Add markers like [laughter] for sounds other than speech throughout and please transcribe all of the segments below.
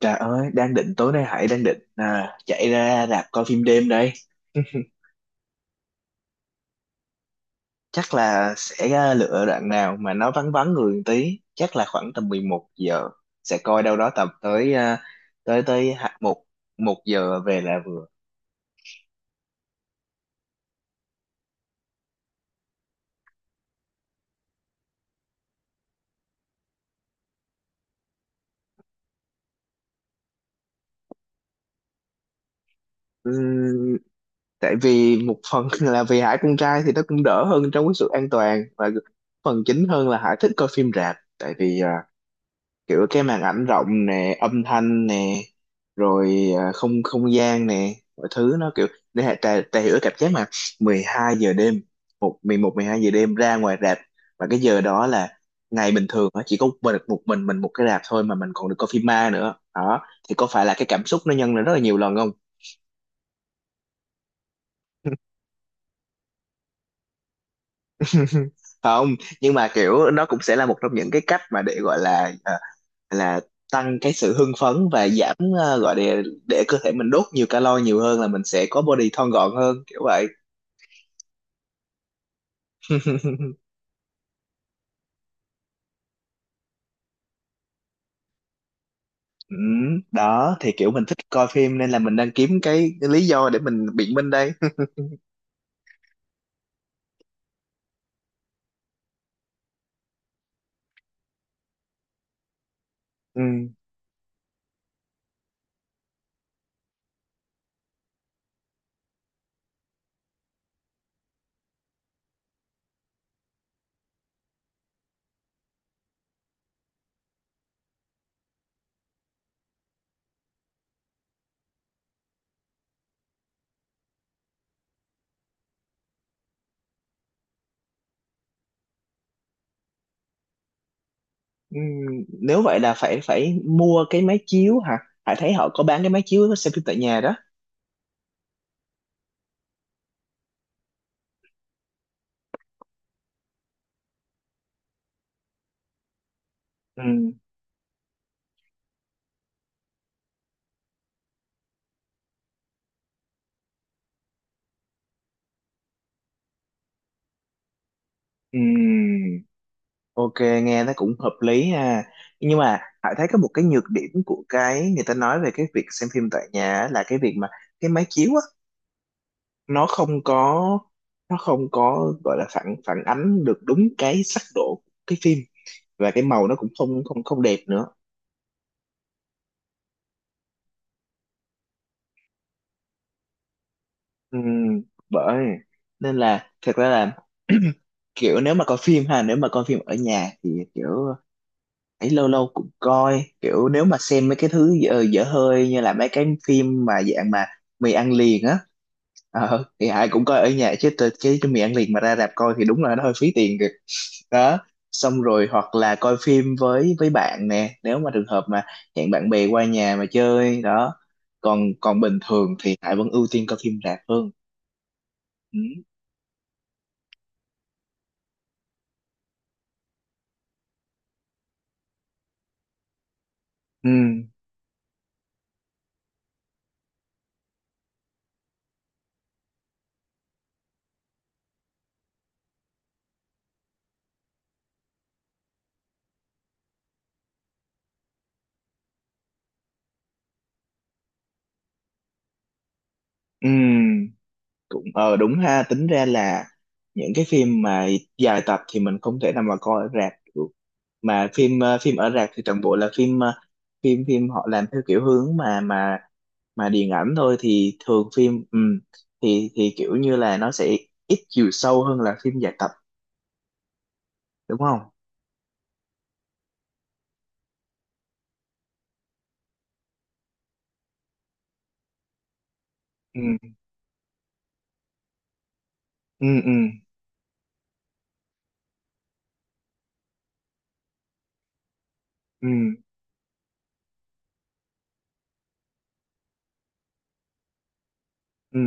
Trời ơi, đang định tối nay Hải đang định chạy ra rạp coi phim đêm đây. [laughs] Chắc là sẽ lựa đoạn nào mà nó vắng vắng người một tí, chắc là khoảng tầm 11 giờ sẽ coi đâu đó tầm tới à, tới tới hạ- một một giờ về là vừa. Ừ, tại vì một phần [laughs] là vì Hải con trai thì nó cũng đỡ hơn trong cái sự an toàn, và phần chính hơn là Hải thích coi phim rạp tại vì kiểu cái màn ảnh rộng nè, âm thanh nè, rồi à, không không gian nè, mọi thứ nó kiểu để tà hiểu cái cảm giác mà 12 giờ đêm, 11 12 giờ đêm ra ngoài rạp, và cái giờ đó là ngày bình thường á, chỉ có một mình một cái rạp thôi, mà mình còn được coi phim ma nữa đó, thì có phải là cái cảm xúc nó nhân lên rất là nhiều lần không? [laughs] Không, nhưng mà kiểu nó cũng sẽ là một trong những cái cách mà để gọi là ờ, là tăng cái sự hưng phấn, và giảm, gọi để cơ thể mình đốt nhiều calo nhiều hơn, là mình sẽ có body thon gọn hơn, kiểu vậy. [laughs] Ừ, đó thì kiểu mình thích coi phim nên là mình đang kiếm cái lý do để mình biện minh đây. [laughs] Ừ. Ừ, nếu vậy là phải phải mua cái máy chiếu hả? Hải thấy họ có bán cái máy chiếu xem phim tại nhà đó. Ừ. Ừ. Ok, nghe nó cũng hợp lý ha. Nhưng mà Hải thấy có một cái nhược điểm của cái người ta nói về cái việc xem phim tại nhà á, là cái việc mà cái máy chiếu á, nó không có nó không có gọi là phản phản ánh được đúng cái sắc độ của cái phim, và cái màu nó cũng không không không đẹp nữa. Ừm, Bởi nên là thật ra là, [clears throat] kiểu nếu mà coi phim ở nhà thì kiểu ấy lâu lâu cũng coi, kiểu nếu mà xem mấy cái thứ dở, dở hơi, như là mấy cái phim mà dạng mà mì ăn liền á, thì ai cũng coi ở nhà, chứ cái mì ăn liền mà ra rạp coi thì đúng là nó hơi phí tiền kìa. Đó, xong rồi hoặc là coi phim với bạn nè, nếu mà trường hợp mà hẹn bạn bè qua nhà mà chơi đó, còn còn bình thường thì Hải vẫn ưu tiên coi phim rạp hơn. Ừ. Ừ. Ừ. Cũng đúng ha, tính ra là những cái phim mà dài tập thì mình không thể nào mà coi ở rạp được, mà phim, phim ở rạp thì toàn bộ là phim ờ, phim phim họ làm theo kiểu hướng mà mà điện ảnh thôi, thì thường phim, thì kiểu như là nó sẽ ít chiều sâu hơn là phim dài tập, đúng không? Ừ. Ừ. Ừ. Ừ. Ừ.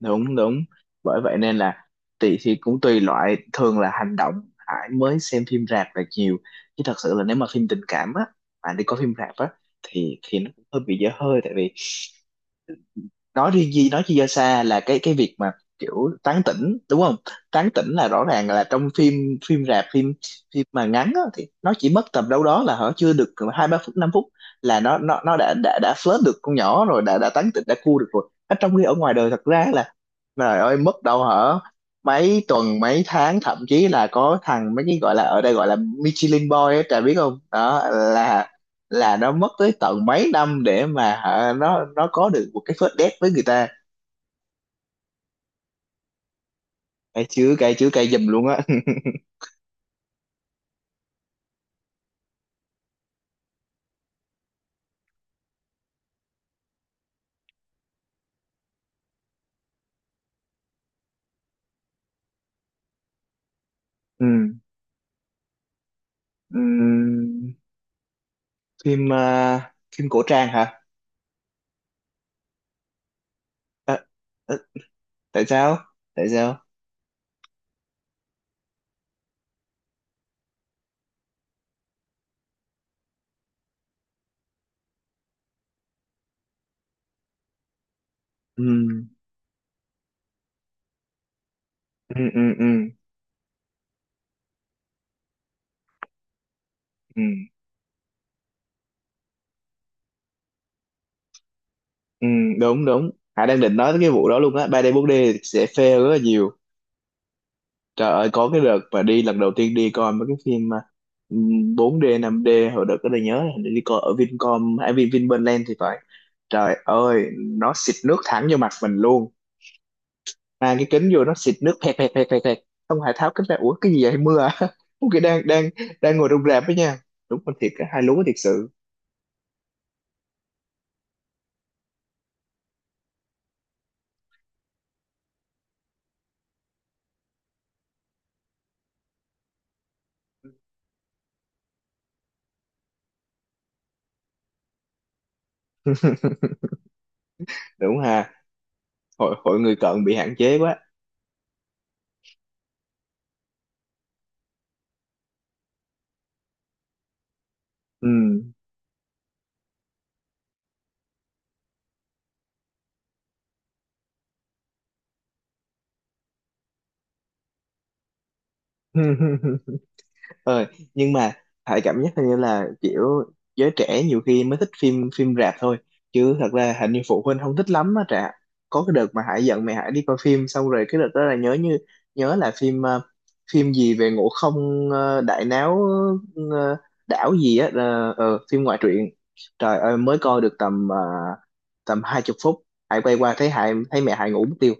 Đúng, đúng. Bởi vậy nên là tùy, thì cũng tùy loại, thường là hành động Hải mới xem phim rạp là nhiều, chứ thật sự là nếu mà phim tình cảm á, mà đi coi phim rạp á, thì nó cũng hơi bị dở hơi, tại vì nói riêng gì, nói chi do xa là cái việc mà kiểu tán tỉnh, đúng không? Tán tỉnh là rõ ràng là trong phim, phim rạp, phim phim mà ngắn á, thì nó chỉ mất tầm đâu đó là hở chưa được 2 3 phút, 5 phút, là nó đã flirt được con nhỏ rồi, đã tán tỉnh, đã cua được rồi, ở trong khi ở ngoài đời thật ra là, trời ơi, mất đâu hả? Mấy tuần, mấy tháng, thậm chí là có thằng, mấy cái gọi là ở đây gọi là Michelin Boy á, trời biết không? Đó là nó mất tới tận mấy năm để mà hả, nó có được một cái first date với người ta. Cay chứ, cay chứ, cay giùm luôn á. [laughs] Ừ. Ừ. Phim ờ, phim cổ trang hả? Ờ, ờ, tại sao? Tại sao? Ừ. Ừ ừ ừ. Ừ. Ừ, đúng đúng. Hải đang định nói tới cái vụ đó luôn á, 3D 4D sẽ fail rất là nhiều. Trời ơi, có cái đợt mà đi lần đầu tiên đi coi mấy cái phim mà, ừm, 4D 5D, hồi đợt đó tôi nhớ là hình như đi coi ở Vincom hay Vinpearl thì phải, trời ơi nó xịt nước thẳng vô mặt mình luôn, mang cái kính vô nó xịt nước pẹt pẹt pẹt pẹt pẹt, xong Hải tháo kính ra, ủa cái gì vậy, mưa à? [laughs] Ủa, cái đang đang đang ngồi trong rạp đó nha, đúng con thiệt, cái hai lúa thiệt sự. [laughs] Đúng ha, hội hội người cận bị hạn chế quá. Ừ. [laughs] Ờ, nhưng mà Hải cảm giác hình như là kiểu giới trẻ nhiều khi mới thích phim phim rạp thôi, chứ thật ra hình như phụ huynh không thích lắm á Trạ có cái đợt mà Hải giận mẹ Hải đi coi phim, xong rồi cái đợt đó là nhớ là phim, phim gì về Ngộ Không, đại náo, ờ, đảo gì á, phim ngoại truyện. Trời ơi mới coi được tầm 20 phút, Hải quay qua, thấy mẹ Hải ngủ mất tiêu.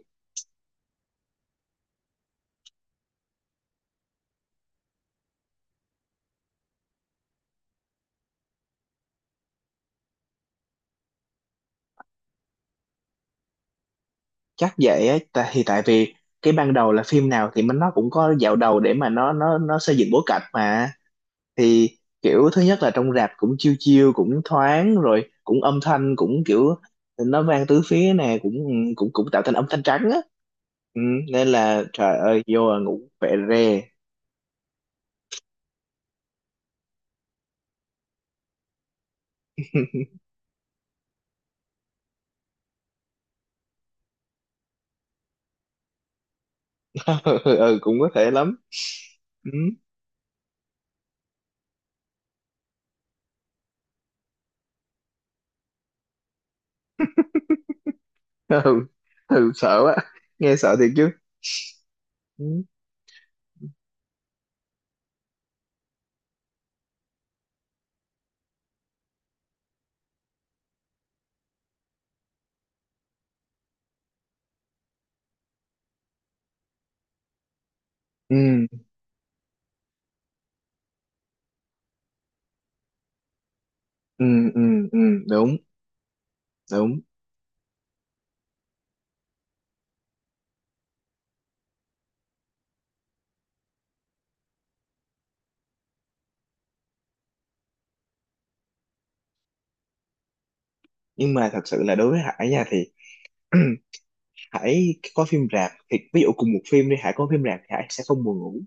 Chắc vậy á, tại vì cái ban đầu là phim nào thì mình nó cũng có dạo đầu để mà nó xây dựng bối cảnh mà, thì kiểu thứ nhất là trong rạp cũng chiêu chiêu cũng thoáng rồi, cũng âm thanh cũng kiểu nó vang tứ phía nè, cũng ừ, cũng cũng tạo thành âm thanh trắng á, ừ, nên là trời ơi vô là ngủ phệ re. [laughs] Ừ cũng có thể lắm. Ừ. [laughs] Ừ. Ừ sợ quá, nghe sợ thiệt chứ. Ừ. Ừ. Ừ. Ừ. Ừ, đúng đúng. Nhưng mà thật sự là đối với Hải nha, thì [clears throat] Hải có phim rạp thì ví dụ cùng một phim đi, Hải có phim rạp thì Hải sẽ không buồn ngủ,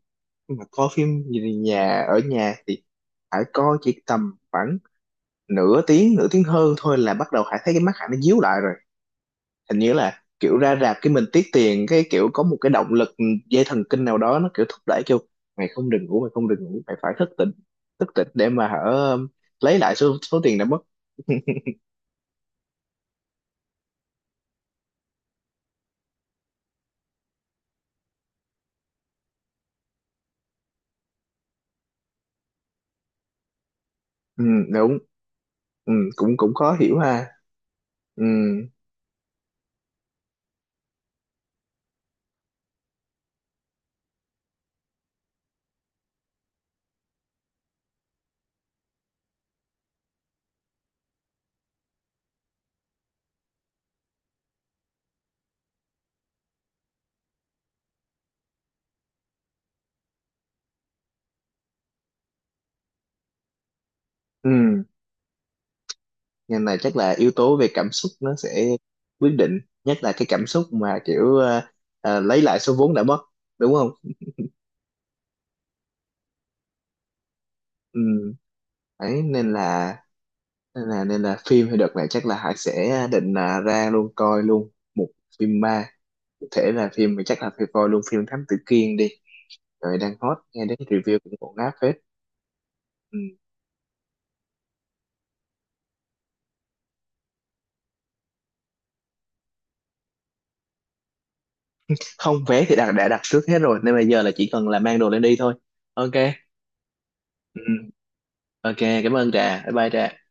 nhưng mà coi phim gì nhà, ở nhà thì Hải coi chỉ tầm khoảng nửa tiếng, nửa tiếng hơn thôi là bắt đầu Hải thấy cái mắt Hải nó díu lại rồi. Hình như là kiểu ra rạp cái mình tiếc tiền, cái kiểu có một cái động lực, dây thần kinh nào đó nó kiểu thúc đẩy, kêu mày không được ngủ, mày không được ngủ, mày phải thức tỉnh, thức tỉnh để mà hở, lấy lại số số tiền đã mất. Ừ, đúng. Ừ, cũng cũng khó hiểu ha. Ừ. Ừ. Ngành này chắc là yếu tố về cảm xúc nó sẽ quyết định, nhất là cái cảm xúc mà kiểu, lấy lại số vốn đã mất, đúng không? Ừ. Đấy, nên là phim thì đợt này chắc là Hải sẽ định là ra luôn coi luôn một phim ma. Có thể là phim thì chắc là phải coi luôn phim Thám Tử Kiên đi, rồi đang hot, nghe đến review cũng ổn ngáp phết. Ừ. Không, vé thì đã đặt trước hết rồi, nên bây giờ là chỉ cần là mang đồ lên đi thôi. Ok. Ừ. Ok, cảm ơn Trà, bye bye Trà.